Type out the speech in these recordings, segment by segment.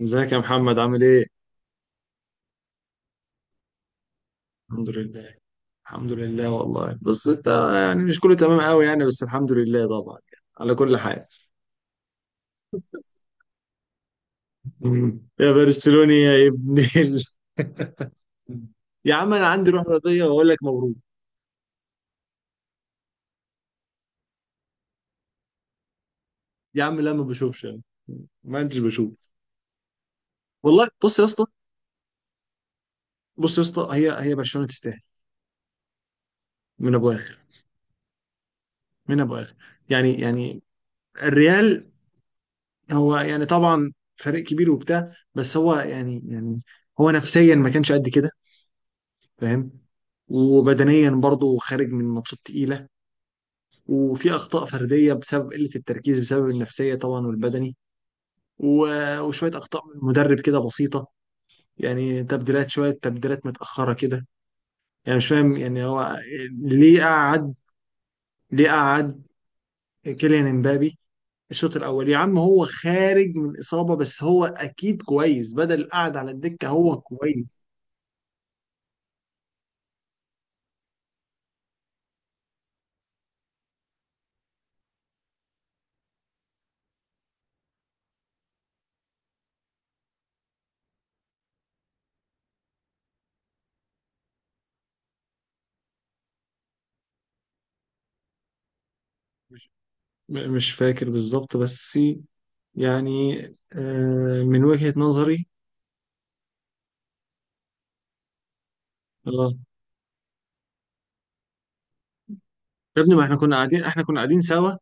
ازيك يا محمد عامل ايه؟ الحمد لله. الحمد لله والله، بس انت يعني مش كله تمام قوي يعني، بس الحمد لله طبعا يعني على كل حال. مم. يا برشلوني، يا ابن. يا عم انا عندي روح رياضيه واقول لك مبروك. يا عم لا، ما بشوفش انا، ما انتش بشوف. والله، بص يا اسطى. بص يا اسطى، هي برشلونه تستاهل من ابو اخر، من ابو اخر، يعني الريال. هو يعني طبعا فريق كبير وبتاع، بس هو يعني هو نفسيا ما كانش قد كده، فاهم؟ وبدنيا برضه خارج من ماتشات تقيلة، وفي أخطاء فردية بسبب قلة التركيز، بسبب النفسية طبعا والبدني، وشوية أخطاء من المدرب كده بسيطة. يعني تبديلات، شوية تبديلات متأخرة كده. يعني مش فاهم يعني هو ليه قعد ليه قعد كيليان امبابي الشوط الأول؟ يا عم هو خارج من إصابة، بس هو أكيد كويس، بدل قعد على الدكة هو كويس. مش مش فاكر بالظبط، بس يعني من وجهة نظري. اه. يا ابني، ما احنا كنا قاعدين، احنا كنا قاعدين سوا،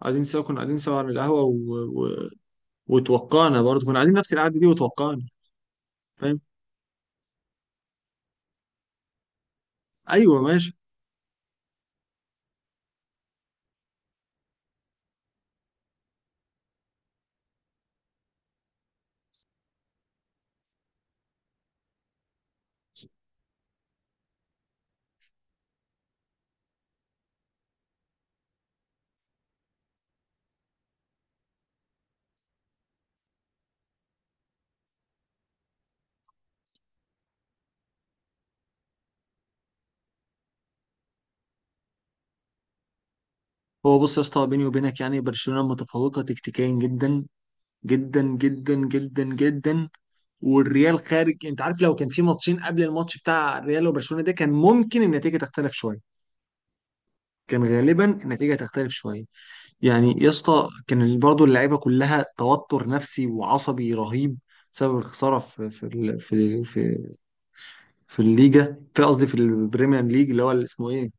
قاعدين سوا، كنا قاعدين سوا على القهوة و... وتوقعنا، برضه كنا قاعدين نفس القعدة دي وتوقعنا. فاهم؟ ايوه، ماشي. هو، بص يا اسطى، بيني وبينك، يعني برشلونة متفوقة تكتيكيا جدا جدا جدا جدا جدا. والريال خارج، انت عارف، لو كان في ماتشين قبل الماتش بتاع الريال وبرشلونة ده، كان ممكن النتيجة تختلف شوية. كان غالبا النتيجة تختلف شوية. يعني يا اسطى، كان برضه اللعيبه كلها توتر نفسي وعصبي رهيب بسبب الخساره في الليجا، في قصدي، في البريمير ليج، اللي هو اللي اسمه ايه،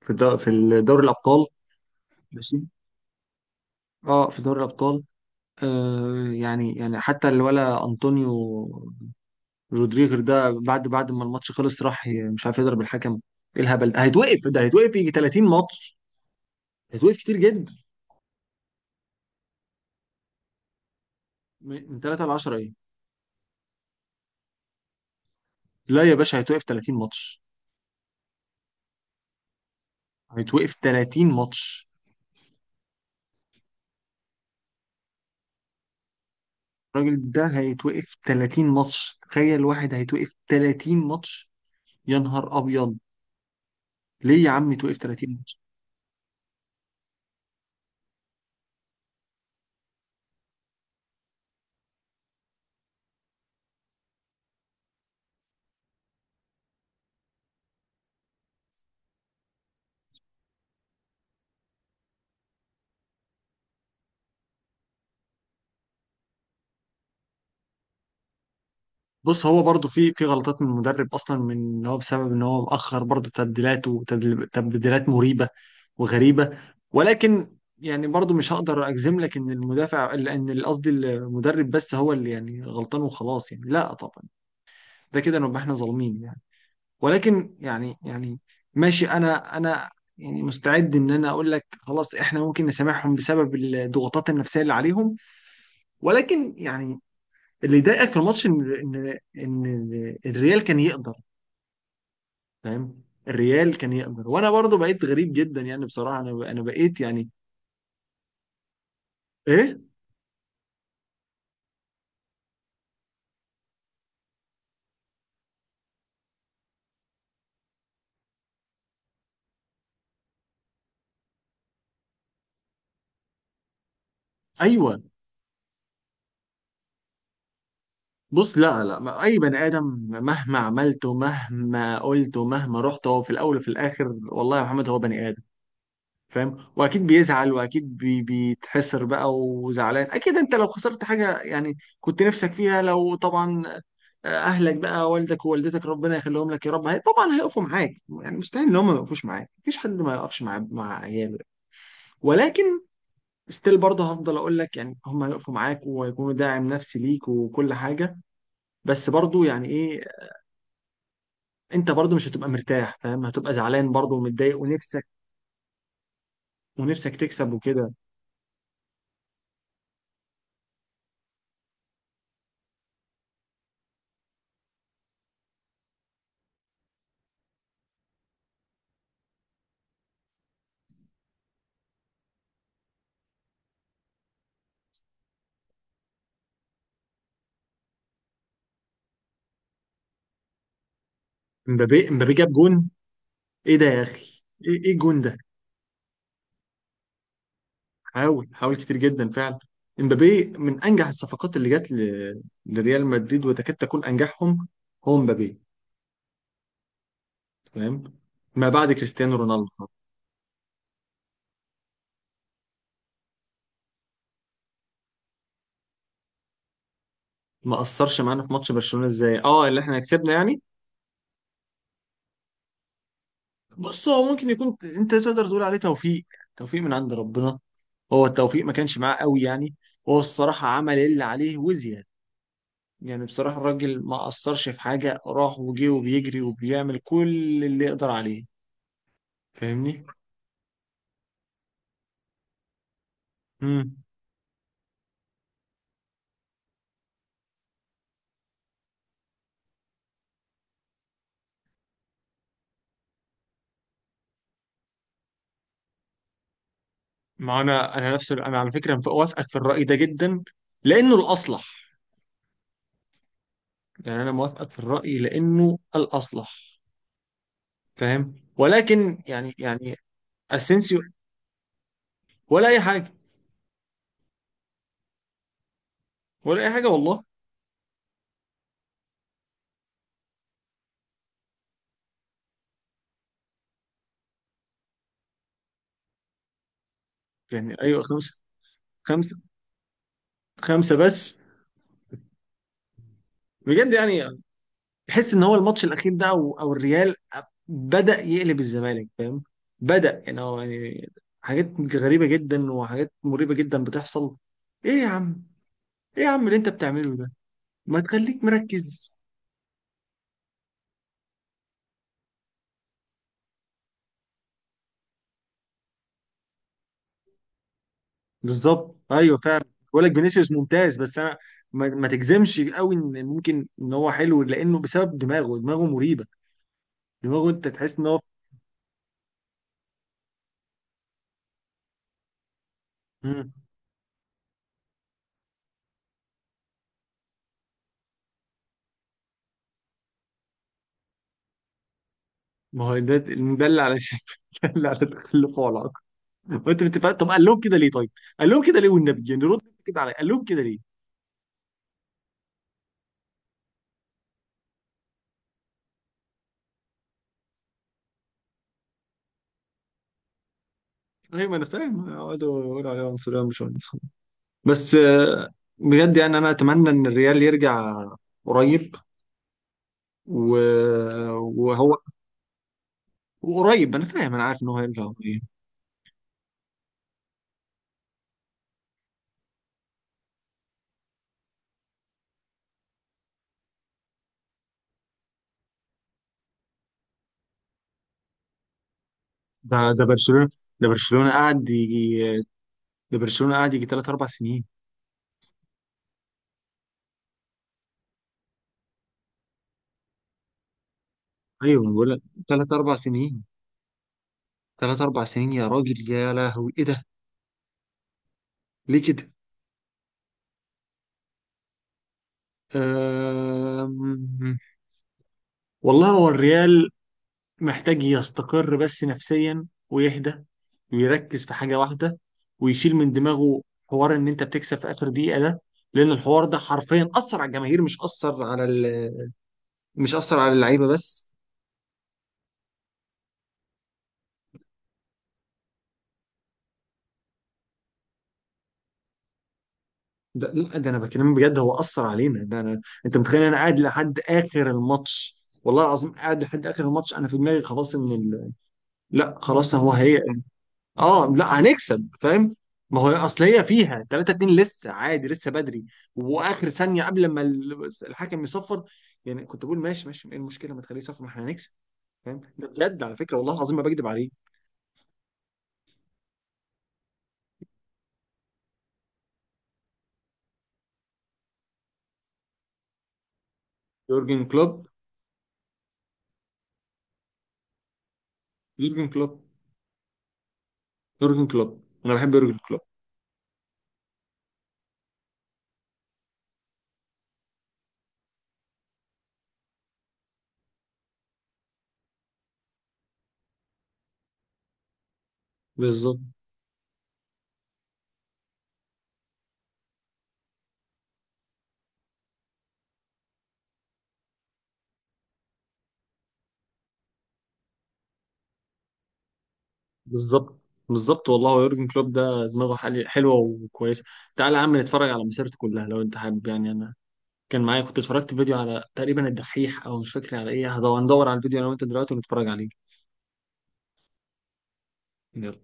في دوري الابطال. ماشي. اه، في دوري الابطال. آه، يعني يعني حتى الولا انطونيو رودريغر ده، بعد ما الماتش خلص، راح مش عارف يضرب الحكم. ايه الهبل ده؟ هيتوقف يجي 30 ماتش. هيتوقف كتير جدا. من 3 ل 10 ايه؟ لا يا باشا، هيتوقف 30 ماتش. هيتوقف 30 ماتش. الراجل ده هيتوقف 30 ماتش. تخيل واحد هيتوقف 30 ماتش. يا نهار ابيض. ليه يا عم يتوقف 30 ماتش؟ بص، هو برضه في في غلطات من المدرب اصلا، من ان هو بسبب ان هو مأخر برضه تبديلات، وتبديلات مريبة وغريبة. ولكن يعني برضه مش هقدر اجزم لك ان المدافع، ان قصدي المدرب بس هو اللي يعني غلطان وخلاص، يعني لا طبعا. ده كده نبقى احنا ظالمين. ولكن يعني يعني ماشي، انا يعني مستعد ان انا اقول لك خلاص، احنا ممكن نسامحهم بسبب الضغوطات النفسيه اللي عليهم. ولكن يعني اللي ضايقك في الماتش ان ان ان الريال كان يقدر، فاهم؟ الريال كان يقدر، وانا برضو بقيت غريب جدا، يعني بصراحه انا بقيت يعني ايه. ايوه. بص، لا لا، اي بني ادم مهما عملت ومهما قلت ومهما رحت، هو في الاول وفي الاخر والله يا محمد هو بني ادم، فاهم؟ واكيد بيزعل، واكيد بيتحسر بقى، وزعلان، اكيد انت لو خسرت حاجه يعني كنت نفسك فيها، لو طبعا اهلك بقى، والدك ووالدتك، ربنا يخليهم لك يا رب، هي طبعا هيقفوا معاك يعني، مستحيل ان هم ما يقفوش معاك، مفيش حد ما يقفش مع عياله. ولكن ستيل برضه هفضل اقول لك يعني هم هيقفوا معاك وهيكونوا داعم نفسي ليك وكل حاجه. بس برضه يعني ايه، انت برضه مش هتبقى مرتاح، فاهم؟ هتبقى زعلان برضه ومتضايق، ونفسك، ونفسك تكسب وكده. امبابي، امبابي جاب جون. ايه ده يا اخي؟ ايه، ايه الجون ده؟ حاول حاول كتير جدا فعلا. امبابي من انجح الصفقات اللي جت لريال مدريد، وتكاد تكون انجحهم هو امبابي، تمام، ما بعد كريستيانو رونالدو طبعاً. ما اثرش معانا في ماتش برشلونة ازاي؟ اه، اللي احنا كسبنا يعني. بص، هو ممكن يكون، انت تقدر تقول عليه توفيق، توفيق من عند ربنا. هو التوفيق ما كانش معاه قوي يعني. هو الصراحة عمل اللي عليه وزيادة. يعني بصراحة الراجل ما أثرش في حاجة، راح وجه وبيجري وبيعمل كل اللي يقدر عليه. فاهمني؟ مم. ما انا نفس انا على فكره، موافقك في الراي ده جدا لانه الاصلح. يعني انا موافقك في الراي لانه الاصلح، فاهم؟ ولكن يعني يعني اسينسيو ولا اي حاجه، ولا اي حاجه والله. يعني ايوه، خمسه، خمسه، خمسه بس. بجد يعني، تحس ان هو الماتش الاخير ده، او او الريال بدا يقلب الزمالك، فاهم؟ بدا يعني هو يعني حاجات غريبه جدا وحاجات مريبه جدا بتحصل. ايه يا عم؟ ايه يا عم اللي انت بتعمله ده؟ ما تخليك مركز. بالظبط، ايوه فعلا. بقول لك فينيسيوس ممتاز، بس انا ما تجزمش قوي ان ممكن ان هو حلو، لانه بسبب دماغه، دماغه مريبه، دماغه، انت تحس ان هو. مم. ما هو ده، ده اللي على شكل ده اللي على تخلفه، على العقل. وانت بتبقى، طب قال لهم كده ليه، طيب؟ قال لهم كده ليه، والنبي يعني رد كده عليا، قال لهم كده ليه؟ ايوه انا فاهم، يقعدوا يقولوا عليه عنصريه مش عنصريه، بس بجد يعني انا اتمنى ان الريال يرجع قريب و... وهو، وقريب انا فاهم، انا عارف ان هو هيرجع قريب. ده برشلونه، ده برشلونه قعد يجي، ده برشلونه قعد يجي ثلاث اربع سنين. ايوه انا بقول لك ثلاث اربع سنين، ثلاث اربع سنين. يا راجل يا لهوي، ايه ده؟ ليه كده؟ أم... والله، هو الريال محتاج يستقر بس نفسيا ويهدى، ويركز في حاجه واحده، ويشيل من دماغه حوار ان انت بتكسب في اخر دقيقه ده. لان الحوار ده حرفيا اثر على الجماهير، مش اثر على مش اثر على اللعيبه بس. ده لا، ده انا بكلمك بجد، هو اثر علينا ده انا. انت متخيل انا قاعد لحد اخر الماتش، والله العظيم قاعد لحد اخر الماتش، انا في دماغي خلاص ان لا خلاص، هو هي. اه، لا هنكسب، فاهم؟ ما هو اصل هي فيها 3-2 لسه عادي لسه بدري، واخر ثانيه قبل ما الحكم يصفر. يعني كنت بقول ماشي ماشي ايه المشكله، ما تخليه يصفر، ما احنا هنكسب، فاهم؟ ده بجد على فكره، والله العظيم ما بكذب عليه. يورجن كلوب. يورجن كلوب. يورجن كلوب، انا بحب يورجن كلوب. بالظبط. بالظبط. بالظبط والله، هو يورجن كلوب ده دماغه حلوه وكويسه. تعالى يا عم نتفرج على مسيرته كلها لو انت حابب، يعني انا كان معايا، كنت اتفرجت فيديو على تقريبا الدحيح، او مش فاكر على ايه، هدور ندور على الفيديو انا وانت دلوقتي ونتفرج عليه. يلا.